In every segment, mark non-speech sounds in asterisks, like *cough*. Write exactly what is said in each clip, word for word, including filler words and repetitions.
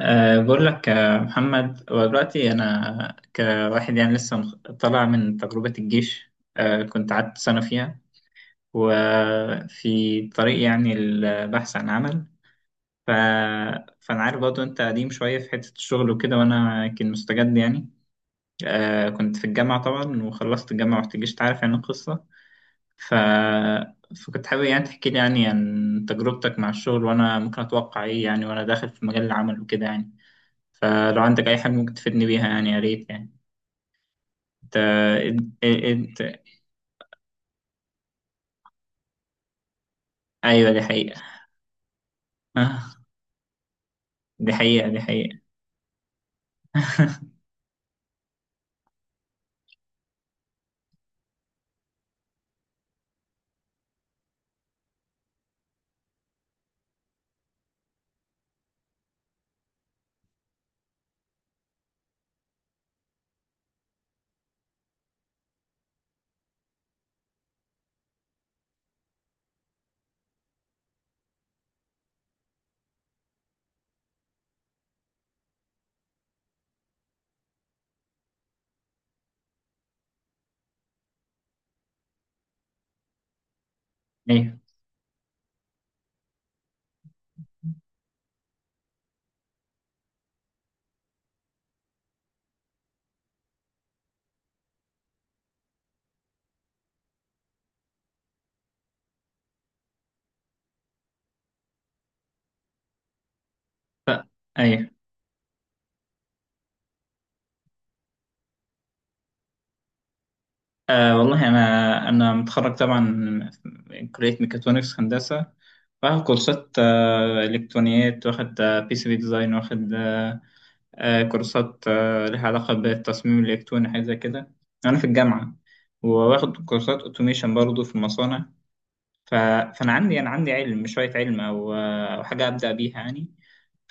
أه بقول لك آه، محمد، هو دلوقتي أنا كواحد يعني لسه مخ- طالع من تجربة الجيش. أه كنت قعدت سنة فيها، وفي طريق يعني البحث عن عمل. ف... فأنا عارف برضه أنت قديم شوية في حتة الشغل وكده، وأنا كان مستجد يعني. أه كنت في الجامعة طبعا، وخلصت الجامعة ورحت الجيش، تعرف يعني القصة. ف... فكنت حابب يعني تحكي لي يعني عن تجربتك مع الشغل، وأنا ممكن أتوقع إيه يعني وأنا داخل في مجال العمل وكده يعني. فلو عندك أي حاجة ممكن تفيدني بيها يعني، يا ريت يعني. انت انت انت- أيوه، دي حقيقة. آه، دي حقيقة، دي حقيقة. *laughs* أيوه، أيوه. آه والله أنا أنا متخرج طبعا من كلية ميكاترونكس هندسة، واخد كورسات آه، إلكترونيات، واخد آه بي سي بي ديزاين، واخد آه، كورسات آه، لها علاقة بالتصميم الإلكتروني، حاجة زي كده، أنا في الجامعة. وواخد كورسات أوتوميشن برضه في المصانع. ف... فانا عندي انا عندي علم، شويه علم او او حاجه ابدا بيها يعني.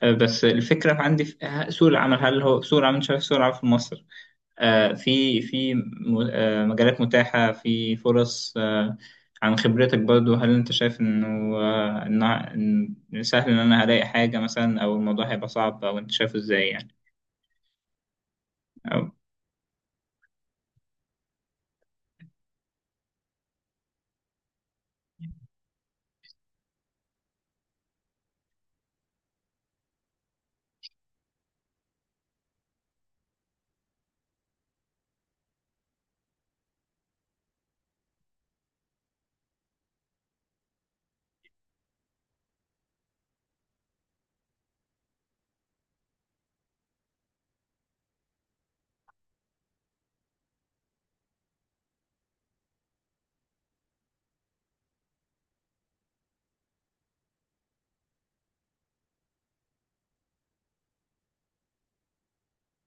آه، بس الفكره عندي في آه، سوق العمل، هل هو سوق العمل شايف سوق العمل في مصر آه، في في م- آه، مجالات متاحه، في فرص آه، عن خبرتك برضو، هل انت شايف انه آه، إن إن سهل ان انا الاقي حاجه مثلا، او الموضوع هيبقى صعب، او انت شايفه ازاي يعني؟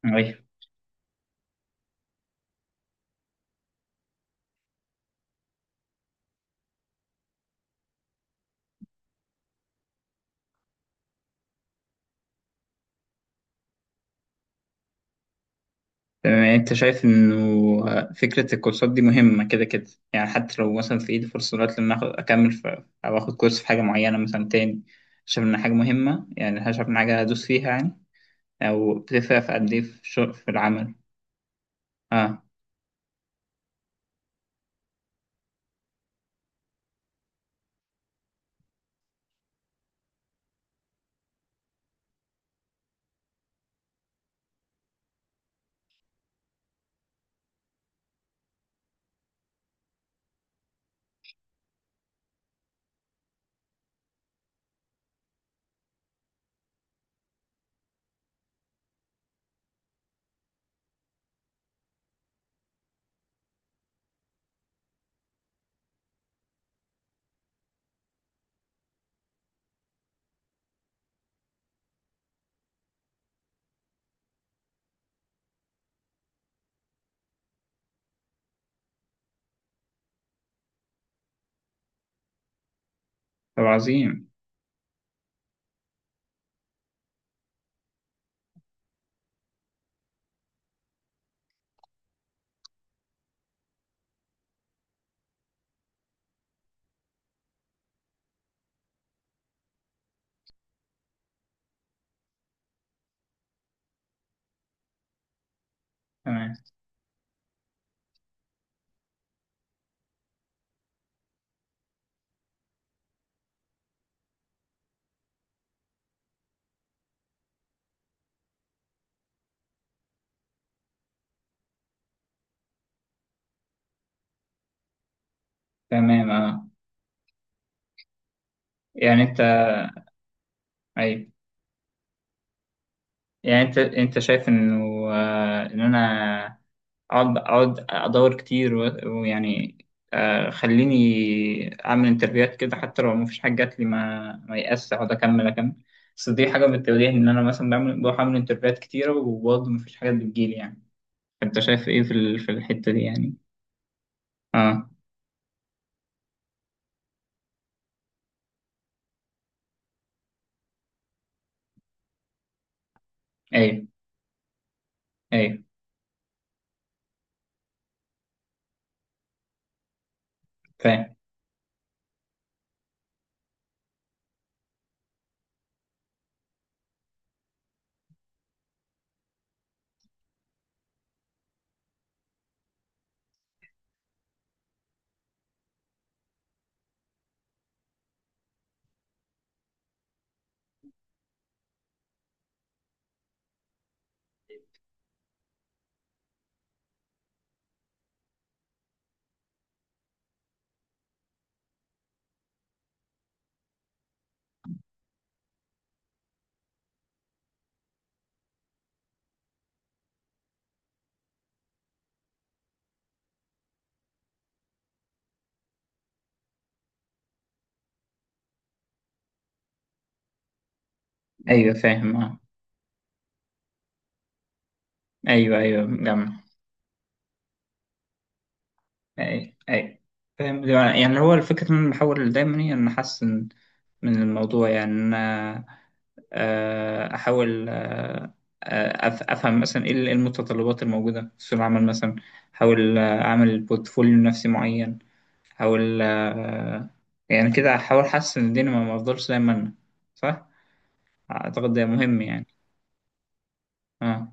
او تمام، يعني انت شايف انه آه، فكرة الكورسات دي مهمة كده كده؟ يعني حتى لو مثلا في ايدي فرصة دلوقتي ان اخد اكمل في، او اخد كورس في حاجة معينة مثلا تاني، شايف ان حاجة مهمة يعني؟ شايف ان حاجة ادوس فيها يعني، او بتفرق في قد ايه في الشغل في العمل؟ اه. طب عظيم. تمام، تمام. اه، يعني انت ايوه. يعني انت انت شايف انه آه، ان انا اقعد اقعد ادور كتير و- ويعني آه، خليني اعمل انترفيوهات كده، حتى لو مفيش حاجه جات لي، ما ما يأس، اقعد اكمل اكمل. بس دي حاجه بتواجهني، ان انا مثلا بعمل بروح اعمل انترفيوهات كتيره وبرضه مفيش حاجات بتجيلي يعني، انت شايف ايه في ال- في الحته دي يعني؟ اه، ايوه، ايوه، فاهم. ايوه فاهم، اه. ايوه ايوه، جمع. اي، اي، فاهم. يعني هو الفكرة ان انا بحاول دايما، هي ان احسن من الموضوع، يعني ان انا آه، احاول آه، آه، أف- افهم مثلا ايه المتطلبات الموجودة في سوق العمل مثلا، احاول آه، اعمل بورتفوليو نفسي معين، احاول آه، يعني كده، احاول احسن الدنيا، ما ما افضلش زي ما انا. صح، اعتقد ده مهم يعني. اه،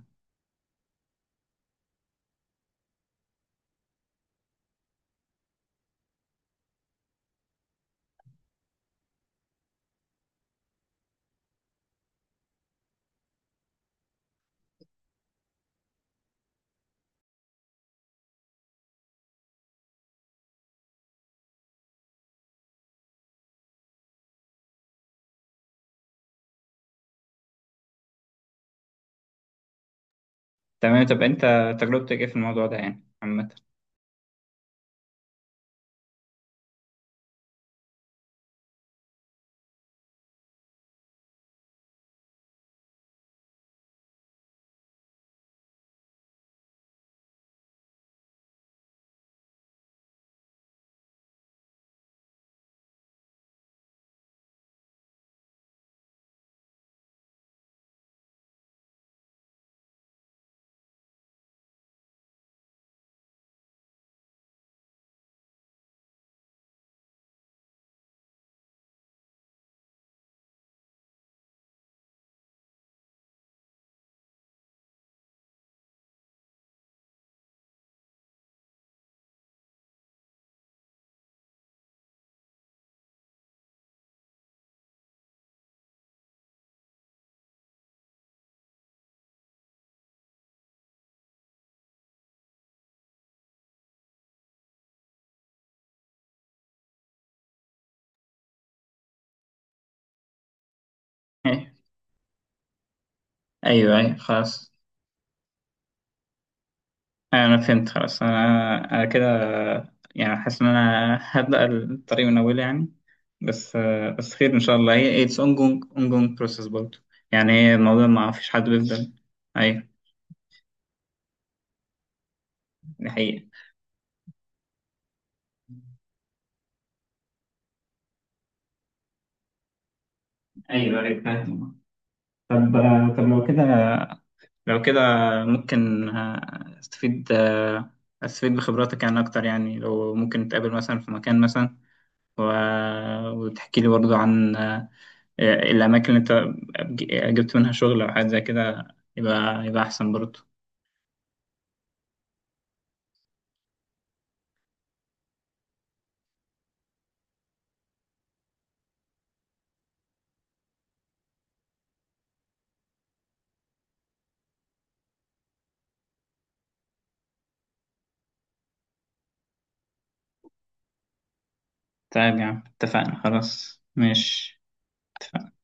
تمام. طب انت، تجربتك ايه في الموضوع ده يعني عامة؟ *laughs* ايوه ايوه، خلاص. آه، انا فهمت خلاص، انا انا كده يعني حاسس ان انا هبدأ الطريق من اول يعني. بس بس خير ان شاء الله، هي اتس ongoing ongoing process برضه. يعني هي الموضوع ما فيش حد بيفضل. ايوه، دي حقيقة. ايوه ايوه فاهم. طب طب لو كده، لو كده ممكن آه، استفيد آه، استفيد بخبراتك يعني اكتر. يعني لو ممكن نتقابل مثلا في مكان مثلا، و... وتحكي لي برضو عن آه، الأماكن اللي أنت ج- جبت منها شغل أو حاجة زي كده، يبقى يبقى أحسن برضو. طيب يا عم، اتفقنا، خلاص ماشي، اتفقنا.